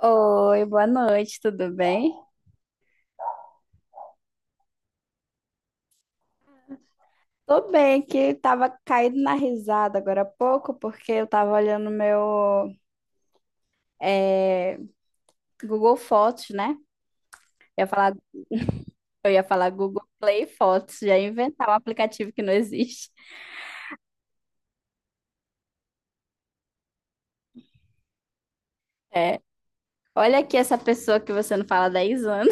Oi, boa noite, tudo bem? Tô bem, que tava caindo na risada agora há pouco, porque eu tava olhando meu eh, Google Fotos, né? Eu ia falar, eu ia falar Google Play Fotos, já ia inventar um aplicativo que não existe. É. Olha aqui essa pessoa que você não fala há 10 anos,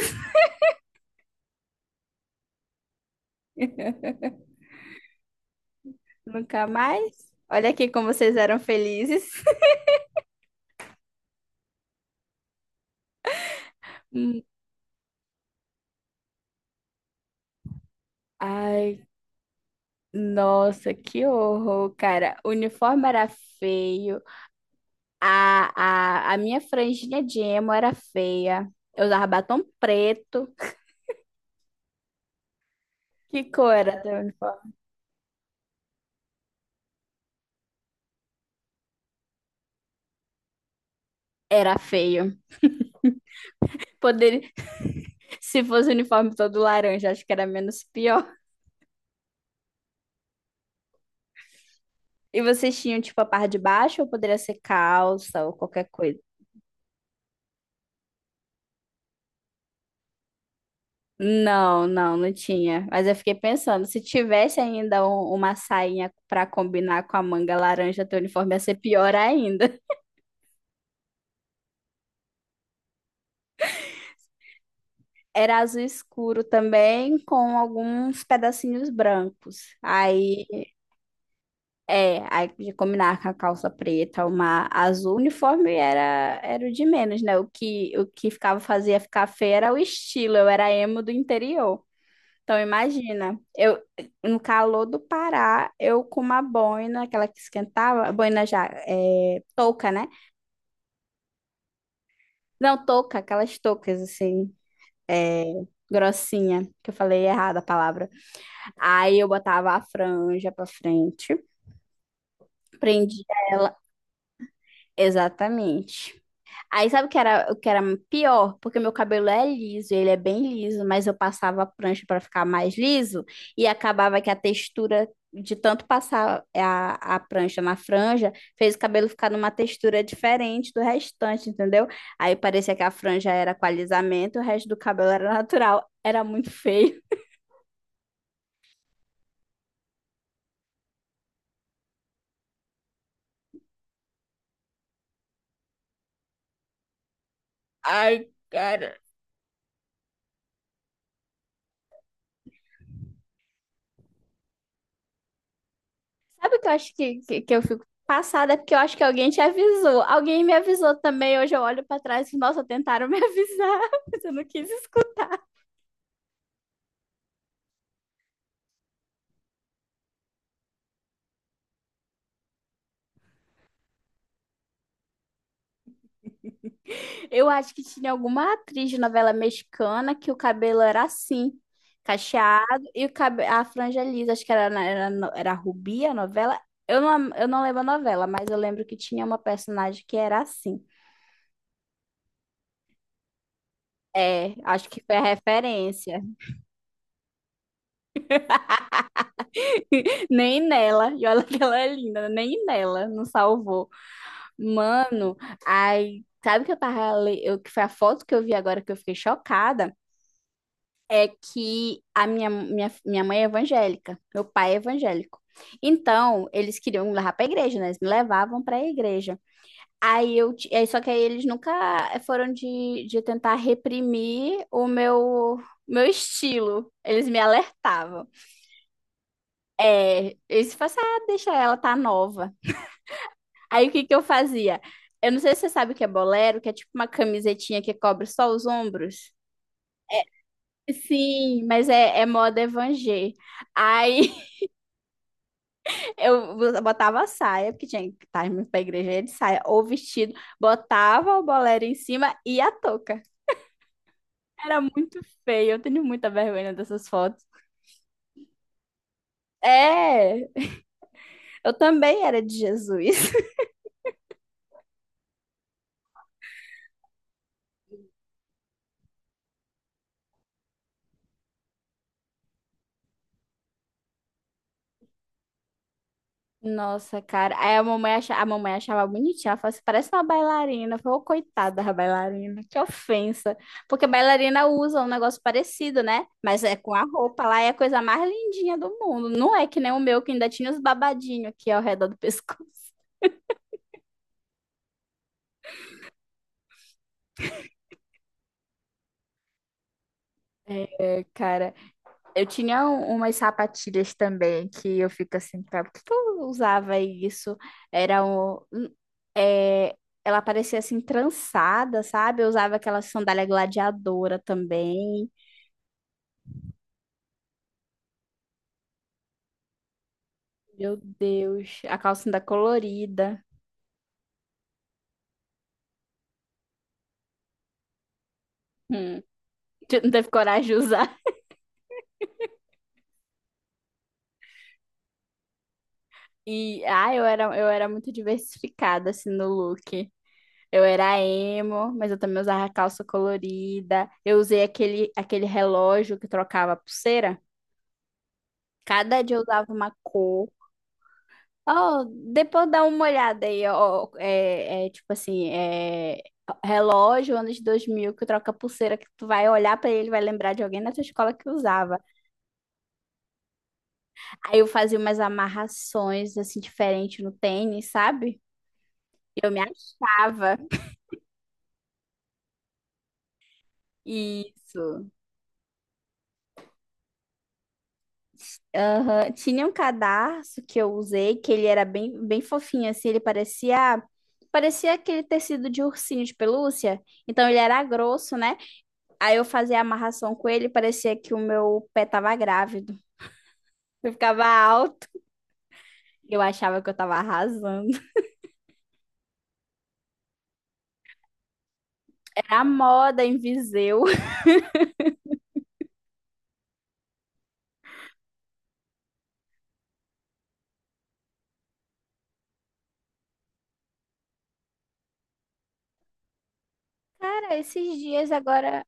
nunca mais. Olha aqui como vocês eram felizes. Hum. Ai, nossa, que horror, cara. O uniforme era feio. A minha franjinha de emo era feia. Eu usava batom preto. Que cor era teu uniforme? Era feio. Poderia, se fosse o uniforme todo laranja, acho que era menos pior. E vocês tinham, tipo, a parte de baixo ou poderia ser calça ou qualquer coisa? Não, não, não tinha. Mas eu fiquei pensando, se tivesse ainda uma sainha para combinar com a manga laranja, teu uniforme ia ser pior ainda. Era azul escuro também, com alguns pedacinhos brancos. Aí. É, aí de combinar com a calça preta, uma azul, o uniforme era o de menos, né? O que ficava, fazia ficar feio era o estilo, eu era emo do interior. Então imagina, eu no calor do Pará, eu com uma boina, aquela que esquentava, boina já, é, touca, né? Não, touca, aquelas toucas assim, é, grossinha, que eu falei errada a palavra. Aí eu botava a franja pra frente, prendia ela, exatamente. Aí sabe o que era pior? Porque meu cabelo é liso, ele é bem liso, mas eu passava a prancha para ficar mais liso e acabava que a textura de tanto passar a prancha na franja fez o cabelo ficar numa textura diferente do restante, entendeu? Aí parecia que a franja era com alisamento, o resto do cabelo era natural. Era muito feio. Ai, cara. Sabe o que eu acho que eu fico passada? É porque eu acho que alguém te avisou. Alguém me avisou também. Hoje eu olho pra trás e, nossa, tentaram me avisar, mas eu não quis escutar. Eu acho que tinha alguma atriz de novela mexicana que o cabelo era assim, cacheado, e a franja lisa. Acho que era, na- era, no- era Rubi a novela. Eu não lembro a novela, mas eu lembro que tinha uma personagem que era assim. É, acho que foi a referência. Nem nela. E olha que ela é linda, né? Nem nela, não salvou. Mano, aí, sabe o que eu tava, eu, que foi a foto que eu vi agora que eu fiquei chocada, é que a minha mãe é evangélica, meu pai é evangélico. Então, eles queriam me levar pra igreja, né? Eles me levavam pra igreja. Aí só que aí eles nunca foram de tentar reprimir o meu estilo. Eles me alertavam. É, eles falavam assim, ah, deixa ela, tá nova. Aí o que que eu fazia? Eu não sei se você sabe o que é bolero, que é tipo uma camisetinha que cobre só os ombros. Sim, mas é moda evangé. Aí eu botava a saia, porque tinha que estar indo pra igreja ia de saia, ou vestido, botava o bolero em cima e a touca. Era muito feio, eu tenho muita vergonha dessas fotos. É, eu também era de Jesus. Nossa, cara. Aí a mamãe achava bonitinha. Ela falou assim, parece uma bailarina. Eu falei, ô, coitada da bailarina, que ofensa. Porque bailarina usa um negócio parecido, né? Mas é com a roupa lá, é a coisa mais lindinha do mundo. Não é que nem o meu, que ainda tinha os babadinhos aqui ao redor do pescoço. É, cara. Eu tinha umas sapatilhas também que eu fico assim, cara, por que que eu usava isso? Era um. Um- é, Ela parecia assim, trançada, sabe? Eu usava aquela sandália gladiadora também. Meu Deus, a calcinha colorida. Hum, não teve coragem de usar. E, ah, eu era muito diversificada, assim, no look. Eu era emo, mas eu também usava calça colorida. Eu usei aquele relógio que trocava a pulseira. Cada dia eu usava uma cor. Ó, depois dá uma olhada aí, ó. É tipo assim, é relógio, anos 2000 que troca pulseira, que tu vai olhar pra ele, vai lembrar de alguém na tua escola que usava. Aí eu fazia umas amarrações, assim, diferentes no tênis, sabe? Eu me achava. Isso. Aham. Tinha um cadarço que eu usei, que ele era bem fofinho, assim, ele parecia... Parecia aquele tecido de ursinho de pelúcia. Então ele era grosso, né? Aí eu fazia a amarração com ele, parecia que o meu pé tava grávido. Eu ficava alto. Eu achava que eu tava arrasando. Era a moda em Viseu. Cara, esses dias agora.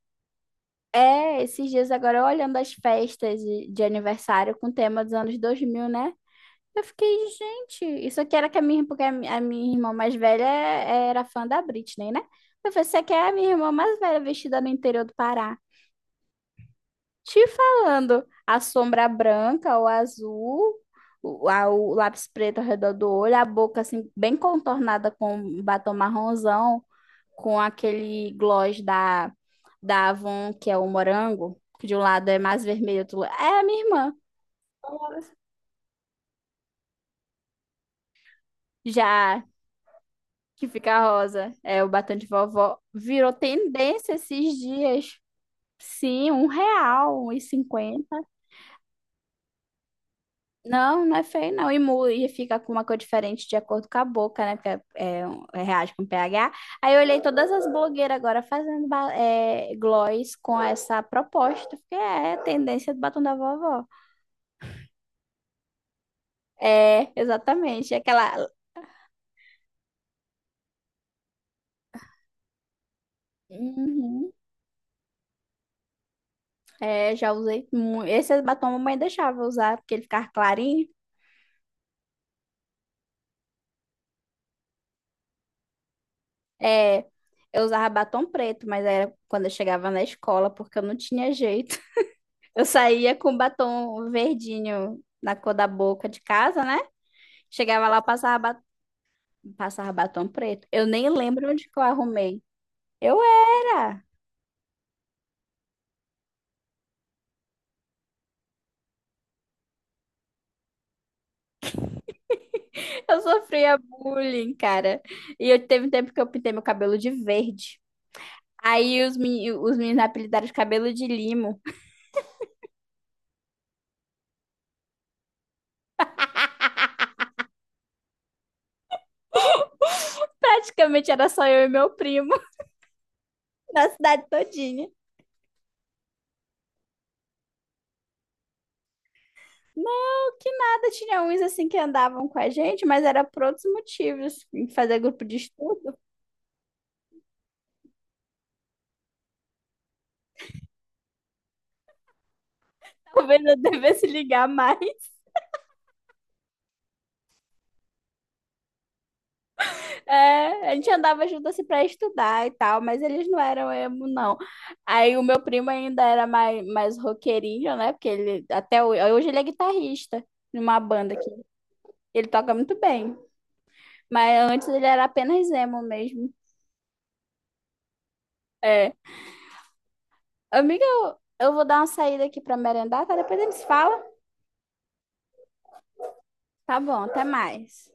É, esses dias agora eu olhando as festas de aniversário com tema dos anos 2000, né? Eu fiquei, gente, isso aqui era que a minha, porque a minha irmã mais velha era fã da Britney, né? Eu falei, isso aqui é a minha irmã mais velha vestida no interior do Pará. Te falando, a sombra branca ou azul, o lápis preto ao redor do olho, a boca assim bem contornada com um batom marronzão, com aquele gloss da Avon, que é o morango, que de um lado é mais vermelho, do outro é a minha irmã. Já que fica rosa, é o batom de vovó, virou tendência esses dias. Sim, R$ 1, 1,50. Não, não é feio, não. E, e fica com uma cor diferente de acordo com a boca, né? Porque reage com pH. Aí eu olhei todas as blogueiras agora fazendo gloss com essa proposta, porque é a tendência do batom da vovó. É, exatamente. Aquela. Uhum. É, já usei muito. Esse batom a mamãe deixava eu usar, porque ele ficava clarinho. É, eu usava batom preto, mas era quando eu chegava na escola, porque eu não tinha jeito. Eu saía com batom verdinho na cor da boca de casa, né? Chegava lá, eu passava batom preto. Eu nem lembro onde que eu arrumei. Eu era. Eu sofria bullying, cara. E eu teve um tempo que eu pintei meu cabelo de verde. Aí os meninos me apelidaram de cabelo de limo. Praticamente era só eu e meu primo na cidade todinha. Não que nada, tinha uns assim que andavam com a gente, mas era por outros motivos. Fazer grupo de estudo. Talvez eu devesse ligar mais. É, a gente andava junto assim pra estudar e tal, mas eles não eram emo, não. Aí o meu primo ainda era mais roqueirinho, né? Porque ele até hoje ele é guitarrista numa banda aqui. Ele toca muito bem. Mas antes ele era apenas emo mesmo. É. Amiga, eu vou dar uma saída aqui pra merendar, tá? Depois a gente se fala. Tá bom, até mais.